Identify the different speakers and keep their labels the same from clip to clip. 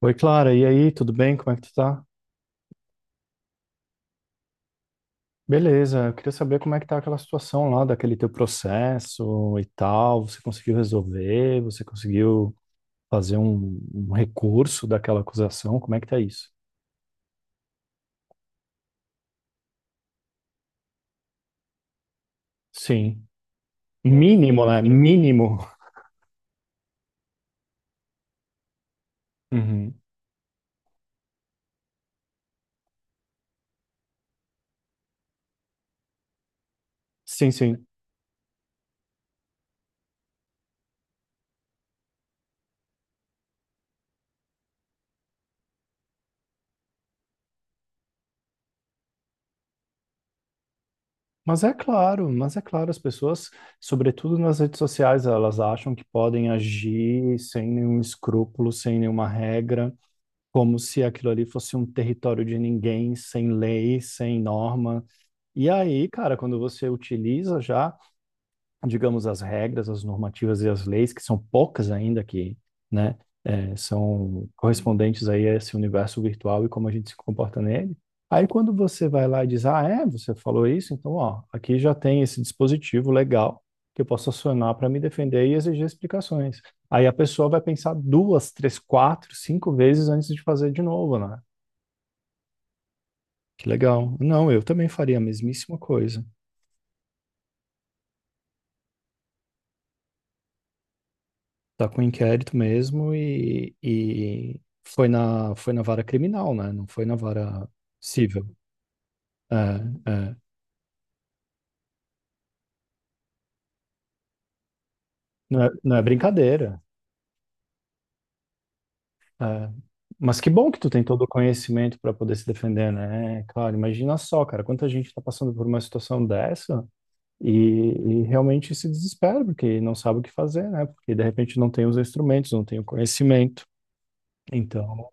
Speaker 1: Oi, Clara, e aí, tudo bem? Como é que tu tá? Beleza, eu queria saber como é que tá aquela situação lá, daquele teu processo e tal. Você conseguiu resolver? Você conseguiu fazer um recurso daquela acusação? Como é que tá isso? Sim. Mínimo, né? Mínimo. Uhum. Sim, sim. Mas é claro, as pessoas, sobretudo nas redes sociais, elas acham que podem agir sem nenhum escrúpulo, sem nenhuma regra, como se aquilo ali fosse um território de ninguém, sem lei, sem norma. E aí, cara, quando você utiliza já, digamos, as regras, as normativas e as leis, que são poucas ainda que, né, é, são correspondentes aí a esse universo virtual e como a gente se comporta nele. Aí quando você vai lá e diz, ah, é, você falou isso, então, ó, aqui já tem esse dispositivo legal que eu posso acionar para me defender e exigir explicações. Aí a pessoa vai pensar duas, três, quatro, cinco vezes antes de fazer de novo, né? Que legal. Não, eu também faria a mesmíssima coisa. Tá com inquérito mesmo e foi na vara criminal, né? Não foi na vara civil. É, é. Não é, não é brincadeira. É. Mas que bom que tu tem todo o conhecimento para poder se defender, né? Cara, imagina só, cara, quanta gente tá passando por uma situação dessa e, e realmente se desespera, porque não sabe o que fazer, né? Porque de repente não tem os instrumentos, não tem o conhecimento. Então,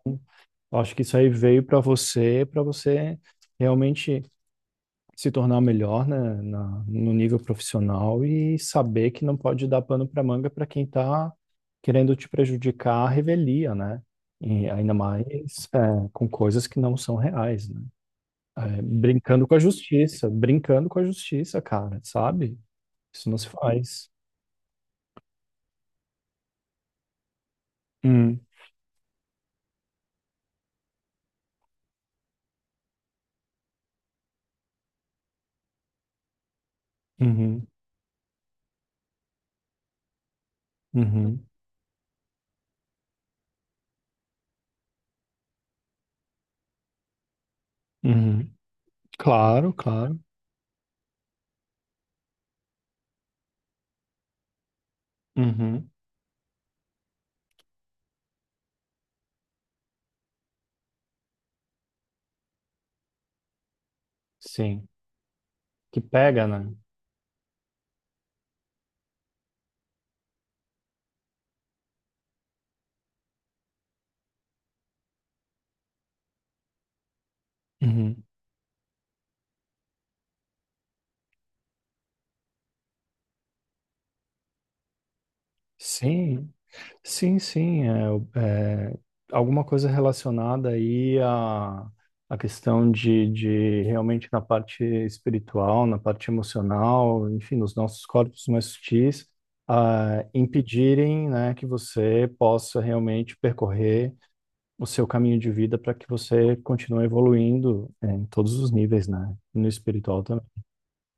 Speaker 1: acho que isso aí veio para você realmente se tornar melhor, né, no nível profissional e saber que não pode dar pano para manga para quem está querendo te prejudicar a revelia, né? E ainda mais é, com coisas que não são reais, né? É, brincando com a justiça, brincando com a justiça, cara, sabe? Isso não se faz. Hum, uhum, uhum, uhum. Claro, claro. Uhum, sim. Que pega, né? Uhum. Sim. Sim, sim, é, é, alguma coisa relacionada aí à, à questão de realmente na parte espiritual, na parte emocional, enfim, nos nossos corpos mais sutis, ah, impedirem, né, que você possa realmente percorrer o seu caminho de vida para que você continue evoluindo, é, em todos os níveis, né, no espiritual também.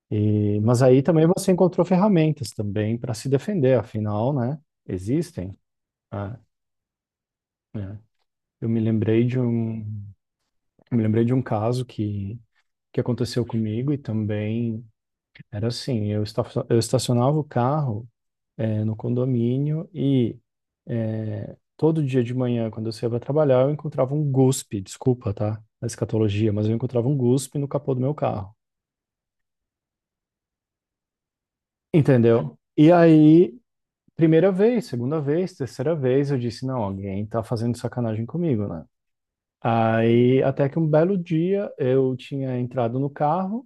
Speaker 1: E, mas aí também você encontrou ferramentas também para se defender, afinal, né, existem. Né? É. Eu me lembrei de um, me lembrei de um caso que aconteceu comigo e também era assim, eu, esta, eu estacionava o carro no condomínio e todo dia de manhã, quando eu saía para trabalhar, eu encontrava um guspe, desculpa, tá? A escatologia, mas eu encontrava um guspe no capô do meu carro. Entendeu? E aí, primeira vez, segunda vez, terceira vez, eu disse, não, alguém tá fazendo sacanagem comigo, né? Aí, até que um belo dia, eu tinha entrado no carro.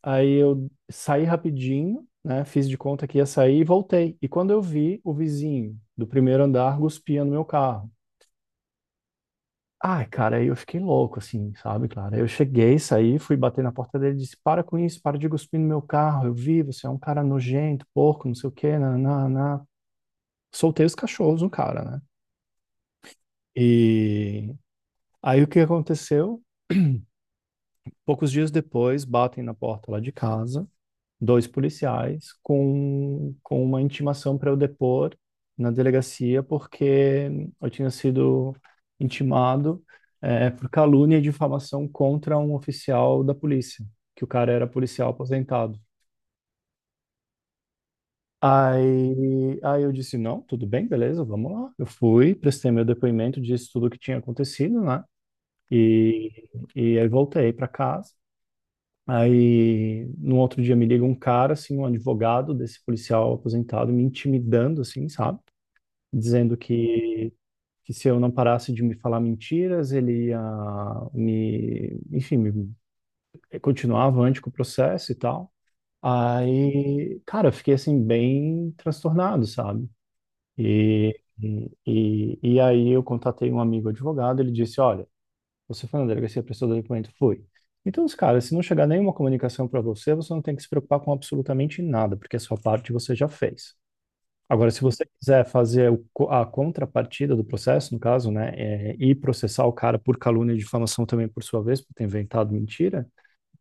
Speaker 1: Aí eu saí rapidinho, né? Fiz de conta que ia sair e voltei. E quando eu vi, o vizinho do primeiro andar guspia no meu carro. Ai, cara, aí eu fiquei louco, assim, sabe, claro. Aí eu cheguei, saí, fui bater na porta dele e disse: Para com isso, para de cuspir no meu carro. Eu vi, você é um cara nojento, porco, não sei o quê, nananá. Soltei os cachorros no cara, né? E aí o que aconteceu? Poucos dias depois, batem na porta lá de casa dois policiais com uma intimação para eu depor na delegacia, porque eu tinha sido intimado por calúnia e difamação contra um oficial da polícia, que o cara era policial aposentado. Aí eu disse, não, tudo bem, beleza, vamos lá. Eu fui, prestei meu depoimento, disse tudo o que tinha acontecido, né? E, e aí voltei para casa. Aí, no outro dia me liga um cara, assim, um advogado desse policial aposentado, me intimidando, assim, sabe? Dizendo que se eu não parasse de me falar mentiras, ele ia me, enfim, me, continuar avante com o processo e tal. Aí, cara, eu fiquei, assim, bem transtornado, sabe? E, e aí eu contatei um amigo advogado, ele disse, olha, você foi na delegacia, prestou o documento? Foi. Então, os caras, se não chegar nenhuma comunicação para você, você não tem que se preocupar com absolutamente nada, porque a sua parte você já fez. Agora, se você quiser fazer a contrapartida do processo, no caso, né, é, e processar o cara por calúnia e difamação também por sua vez, por ter inventado mentira,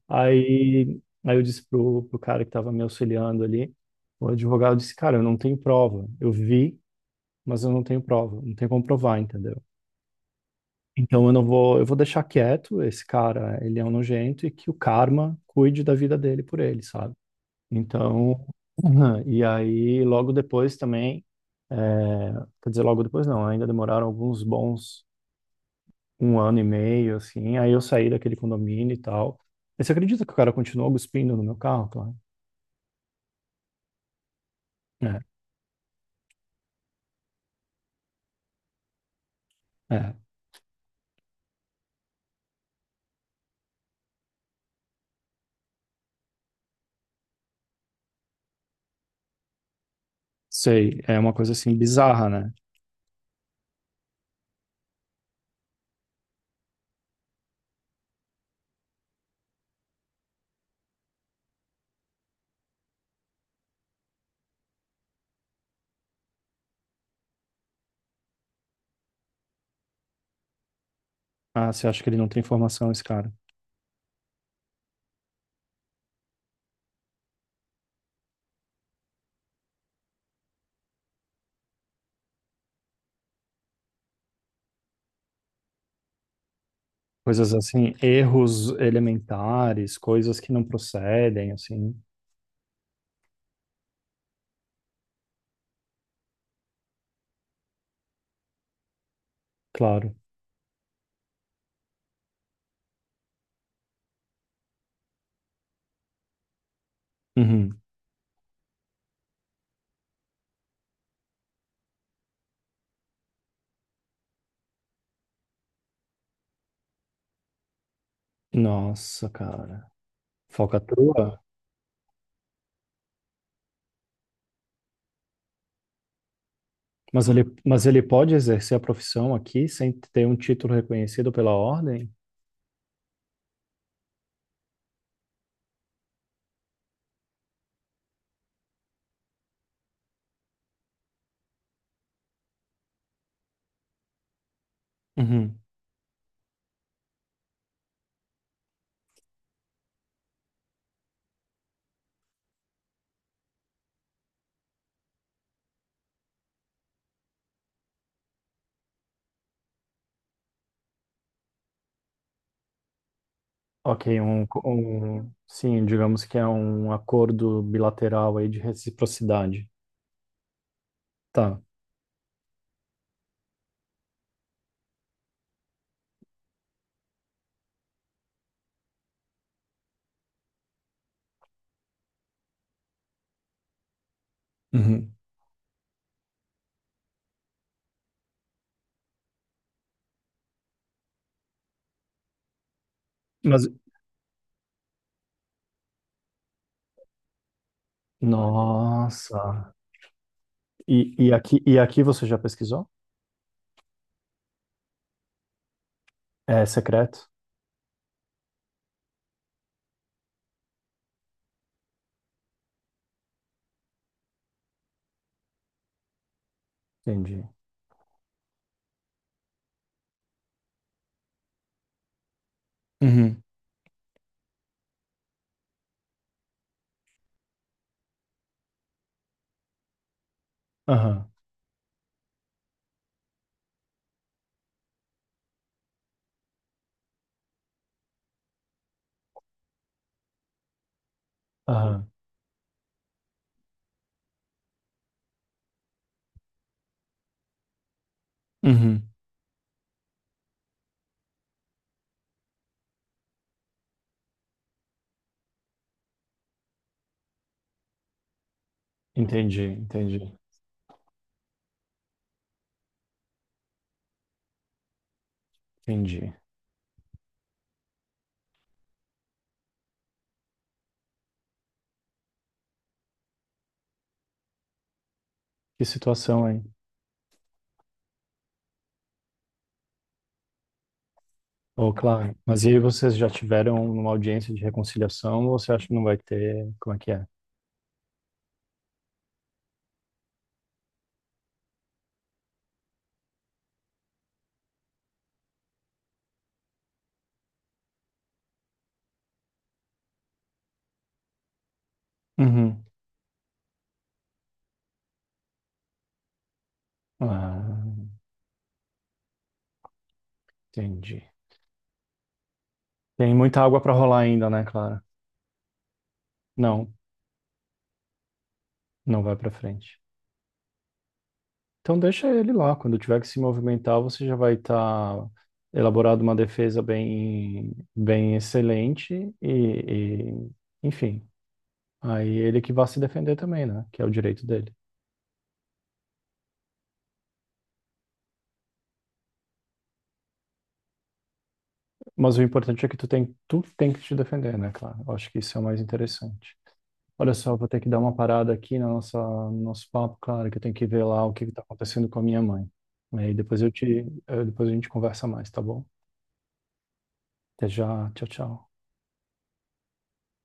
Speaker 1: aí, aí eu disse pro cara que estava me auxiliando ali, o advogado disse, cara, eu não tenho prova. Eu vi, mas eu não tenho prova. Não tem como provar, entendeu? Então eu não vou, eu vou deixar quieto esse cara, ele é um nojento e que o karma cuide da vida dele por ele, sabe? Então, e aí logo depois também, é, quer dizer, logo depois não, ainda demoraram alguns bons um ano e meio, assim, aí eu saí daquele condomínio e tal. E você acredita que o cara continuou cuspindo no meu carro, claro? É, é, sei, é uma coisa assim bizarra, né? Ah, você acha que ele não tem informação, esse cara? Coisas assim, erros elementares, coisas que não procedem, assim, claro. Uhum. Nossa, cara. Falcatrua? Mas ele pode exercer a profissão aqui sem ter um título reconhecido pela ordem? Uhum. Ok, sim, digamos que é um acordo bilateral aí de reciprocidade. Tá. Uhum. Mas, nossa. E aqui você já pesquisou? É secreto? Entendi. Uhum. Aham. Aham. Uhum. Entendi, entendi, entendi. Que situação, hein? Oh, claro. Mas e aí vocês já tiveram uma audiência de reconciliação ou você acha que não vai ter? Como é que é? Uhum. Ah, entendi. Tem muita água para rolar ainda, né, Clara? Não, não vai para frente. Então deixa ele lá. Quando tiver que se movimentar, você já vai estar elaborado uma defesa bem, bem excelente e, enfim, aí ele que vai se defender também, né? Que é o direito dele. Mas o importante é que tu tem que te defender, né, claro? Eu acho que isso é o mais interessante. Olha só, eu vou ter que dar uma parada aqui na nossa no nosso papo, claro, que eu tenho que ver lá o que está acontecendo com a minha mãe. Aí depois eu te, depois a gente conversa mais, tá bom? Até já, tchau, tchau.